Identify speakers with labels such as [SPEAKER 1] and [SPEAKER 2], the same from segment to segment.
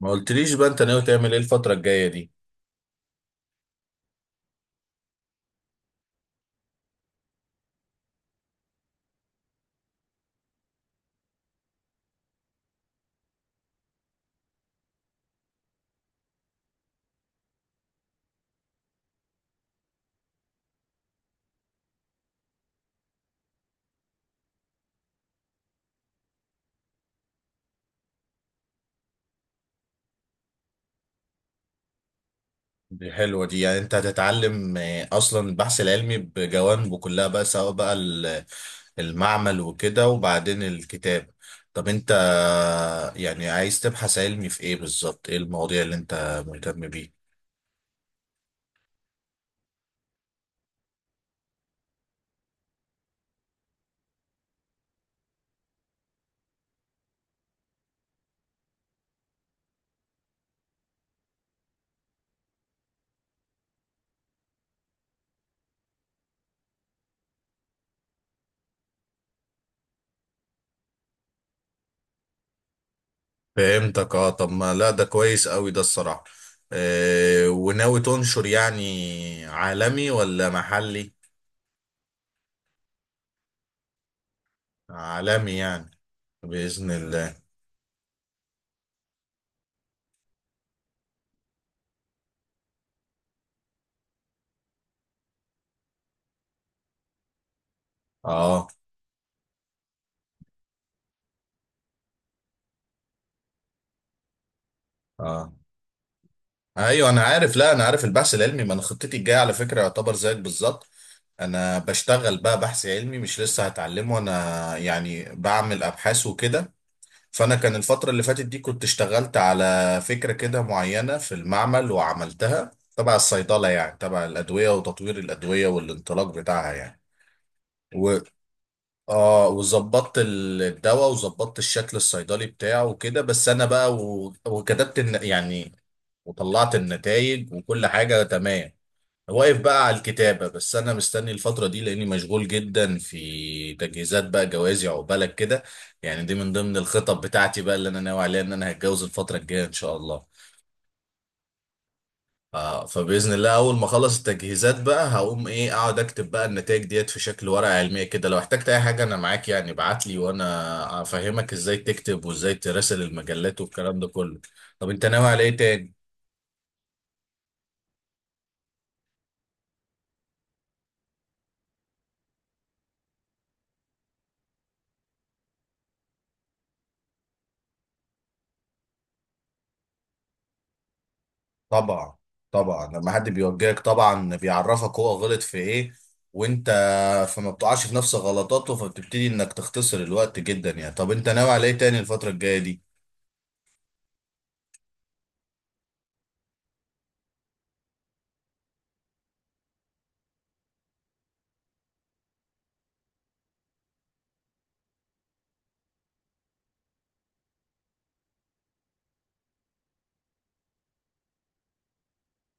[SPEAKER 1] ما قلتليش بقى انت ناوي تعمل ايه الفترة الجاية دي؟ دي حلوة دي. يعني انت هتتعلم اصلا البحث العلمي بجوانبه كلها بقى، سواء بقى المعمل وكده، وبعدين الكتاب. طب انت يعني عايز تبحث علمي في ايه بالظبط؟ ايه المواضيع اللي انت مهتم بيه؟ فهمتك. اه طب ما لا، ده كويس قوي ده الصراحة. اه، وناوي تنشر يعني عالمي ولا محلي؟ عالمي يعني؟ بإذن الله. اه، اه، ايوه انا عارف. لا انا عارف البحث العلمي، ما انا خطتي الجايه على فكره يعتبر زيك بالظبط. انا بشتغل بقى بحث علمي، مش لسه هتعلمه انا، يعني بعمل ابحاث وكده. فانا كان الفتره اللي فاتت دي كنت اشتغلت على فكره كده معينه في المعمل وعملتها، تبع الصيدله يعني، تبع الادويه وتطوير الادويه والانطلاق بتاعها يعني. اه، وظبطت الدواء، وظبطت الشكل الصيدلي بتاعه وكده. بس انا بقى يعني وطلعت النتائج وكل حاجة تمام. واقف بقى على الكتابة بس، انا مستني الفترة دي لاني مشغول جدا في تجهيزات بقى جوازي، عقبالك كده. يعني دي من ضمن الخطط بتاعتي بقى اللي انا ناوي عليها، ان انا هتجوز الفترة الجاية ان شاء الله. اه، فباذن الله اول ما اخلص التجهيزات بقى هقوم ايه اقعد اكتب بقى النتائج ديت في شكل ورقه علميه كده. لو احتجت اي حاجه انا معاك يعني، ابعت لي وانا افهمك ازاي تكتب وازاي تراسل المجلات والكلام ده كله. طب انت ناوي على ايه تاني؟ طبعا. طبعا لما حد بيوجهك طبعا بيعرفك هو غلط في ايه، وانت فما بتقعش في نفس غلطاته، فبتبتدي انك تختصر الوقت جدا يعني. طب انت ناوي على ايه تاني الفتره الجايه دي؟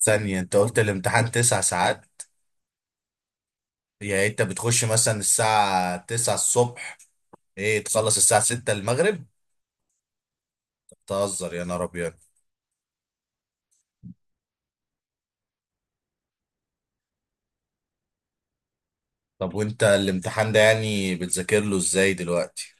[SPEAKER 1] ثانيه، انت قلت الامتحان تسع ساعات؟ يعني انت بتخش مثلا الساعة 9 الصبح، ايه تخلص الساعة 6 المغرب؟ تهزر يا نهار ابيض! طب وانت الامتحان ده يعني بتذاكر له ازاي دلوقتي؟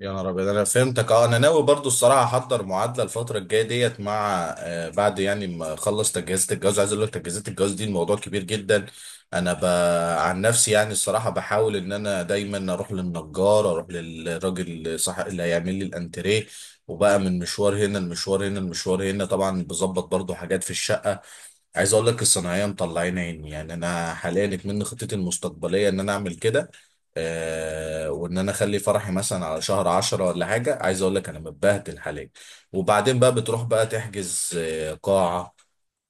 [SPEAKER 1] يا نهار ابيض، انا فهمتك. اه انا ناوي برضو الصراحه احضر معادله الفتره الجايه ديت مع آه بعد يعني ما اخلص تجهيزات الجواز. عايز اقول لك تجهيزات الجواز دي الموضوع كبير جدا. انا ب... عن نفسي يعني الصراحه بحاول ان انا دايما اروح للنجار، اروح للراجل صح اللي هيعمل لي الانتريه، وبقى من مشوار هنا المشوار هنا المشوار هنا، طبعا بظبط برضو حاجات في الشقه. عايز اقول لك الصناعيه مطلعين عيني يعني. انا حاليا اتمنى خطتي المستقبليه ان انا اعمل كده، آه، وان انا اخلي فرحي مثلا على شهر عشرة ولا حاجه. عايز اقول لك انا متبهدل حاليا. وبعدين بقى بتروح بقى تحجز قاعه،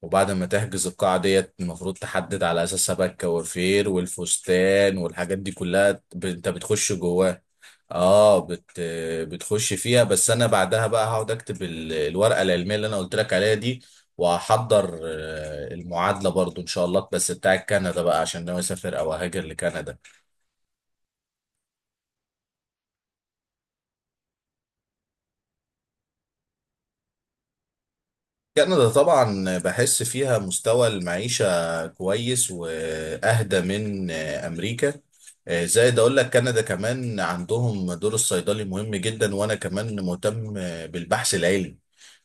[SPEAKER 1] وبعد ما تحجز القاعه ديت المفروض تحدد على اساسها بقى الكوافير والفستان والحاجات دي كلها. انت بتخش جواها. اه، بتخش فيها. بس انا بعدها بقى هقعد اكتب الورقه العلميه اللي انا قلت لك عليها دي، وهحضر المعادلة برضو إن شاء الله، بس بتاع كندا بقى عشان ناوي أسافر أو أهاجر لكندا. كندا طبعا بحس فيها مستوى المعيشة كويس وأهدى من أمريكا. زائد أقول لك كندا كمان عندهم دور الصيدلي مهم جدا، وأنا كمان مهتم بالبحث العلمي،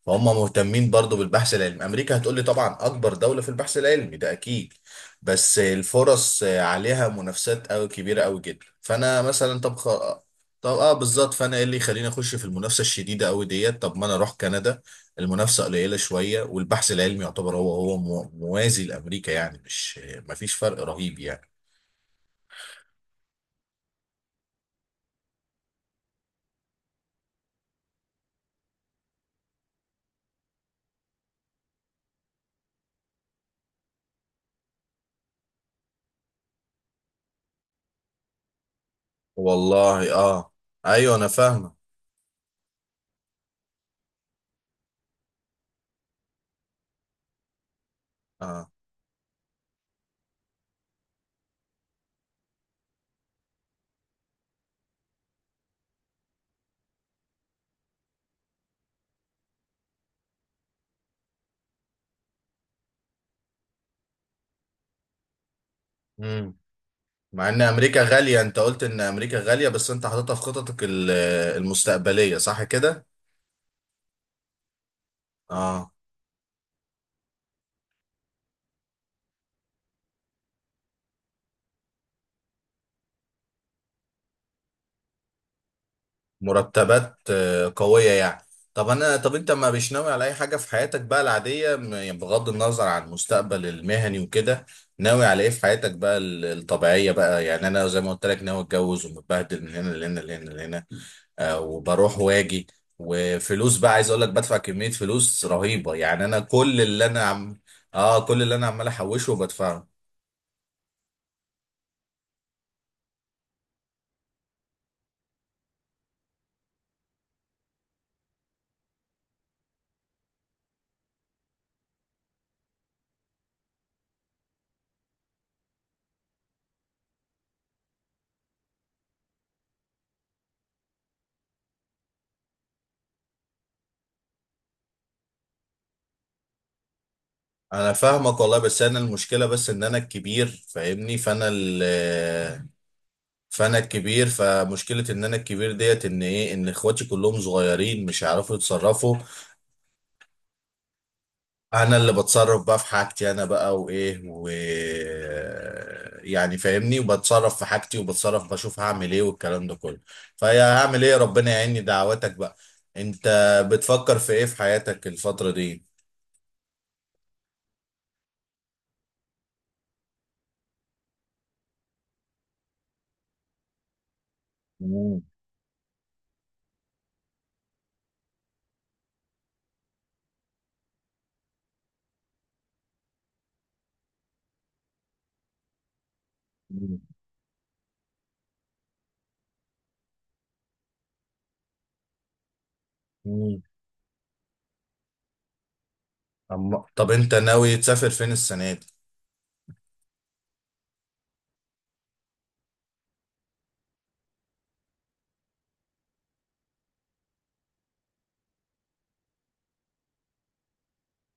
[SPEAKER 1] فهم مهتمين برضو بالبحث العلمي. أمريكا هتقولي طبعا أكبر دولة في البحث العلمي، ده أكيد، بس الفرص عليها منافسات أوي، كبيرة أوي جدا. فأنا مثلا طب اه بالظبط، فانا ايه اللي يخليني اخش في المنافسه الشديده قوي ديت؟ طب ما انا اروح كندا، المنافسة قليلة شوية، والبحث العلمي يعتبر هو هو موازي لأمريكا يعني، مش مفيش فرق رهيب يعني. والله، اه ايوه انا فاهمة. اه، امم، مع ان امريكا غالية، انت قلت ان امريكا غالية بس انت حاططها في خططك المستقبلية، صح كده؟ اه، مرتبات قوية يعني. طب انا، طب انت ما مش ناوي على اي حاجة في حياتك بقى العادية، يعني بغض النظر عن المستقبل المهني وكده، ناوي على ايه في حياتك بقى الطبيعية بقى؟ يعني انا زي ما قلت لك ناوي اتجوز، ومتبهدل من هنا لهنا لهنا لهنا، آه، وبروح واجي، وفلوس بقى، عايز اقول لك بدفع كمية فلوس رهيبة يعني. انا كل اللي انا عم اه كل اللي انا عمال احوشه وبدفعه. انا فاهمك والله، بس انا المشكله بس ان انا الكبير، فاهمني؟ فانا الكبير، فمشكله ان انا الكبير ديت ان ايه، ان اخواتي كلهم صغيرين مش هيعرفوا يتصرفوا. انا اللي بتصرف بقى في حاجتي انا بقى، وايه و يعني فاهمني، وبتصرف في حاجتي، وبتصرف بشوف هعمل ايه والكلام ده كله. فيا هعمل ايه، ربنا يعيني، دعواتك بقى. انت بتفكر في ايه في حياتك الفتره دي؟ مم. مم. مم. طب انت ناوي تسافر فين السنه دي؟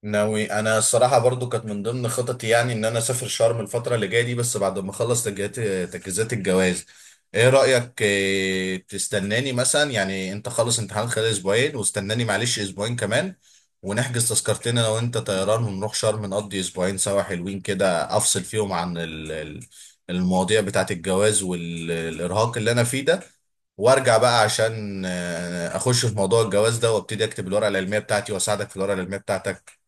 [SPEAKER 1] ناوي انا الصراحه برضو، كانت من ضمن خططي يعني ان انا اسافر شرم الفتره اللي جايه دي، بس بعد ما اخلص تجهيزات، تجهيزات الجواز. ايه رايك إيه تستناني مثلا يعني، انت خلص امتحان خلال اسبوعين واستناني معلش اسبوعين كمان، ونحجز تذكرتين انا وانت طيران ونروح شرم نقضي اسبوعين سوا حلوين كده، افصل فيهم عن المواضيع بتاعت الجواز والارهاق اللي انا فيه ده، وارجع بقى عشان اخش في موضوع الجواز ده، وابتدي اكتب الورقه العلميه بتاعتي، واساعدك في الورقه العلميه بتاعتك.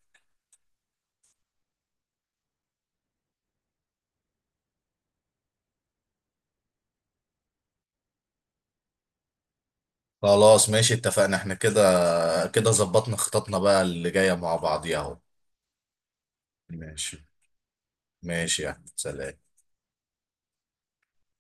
[SPEAKER 1] خلاص ماشي، اتفقنا احنا كده. كده ظبطنا خططنا بقى اللي جاية مع بعضيها اهو. ماشي، ماشي يا احمد، سلام.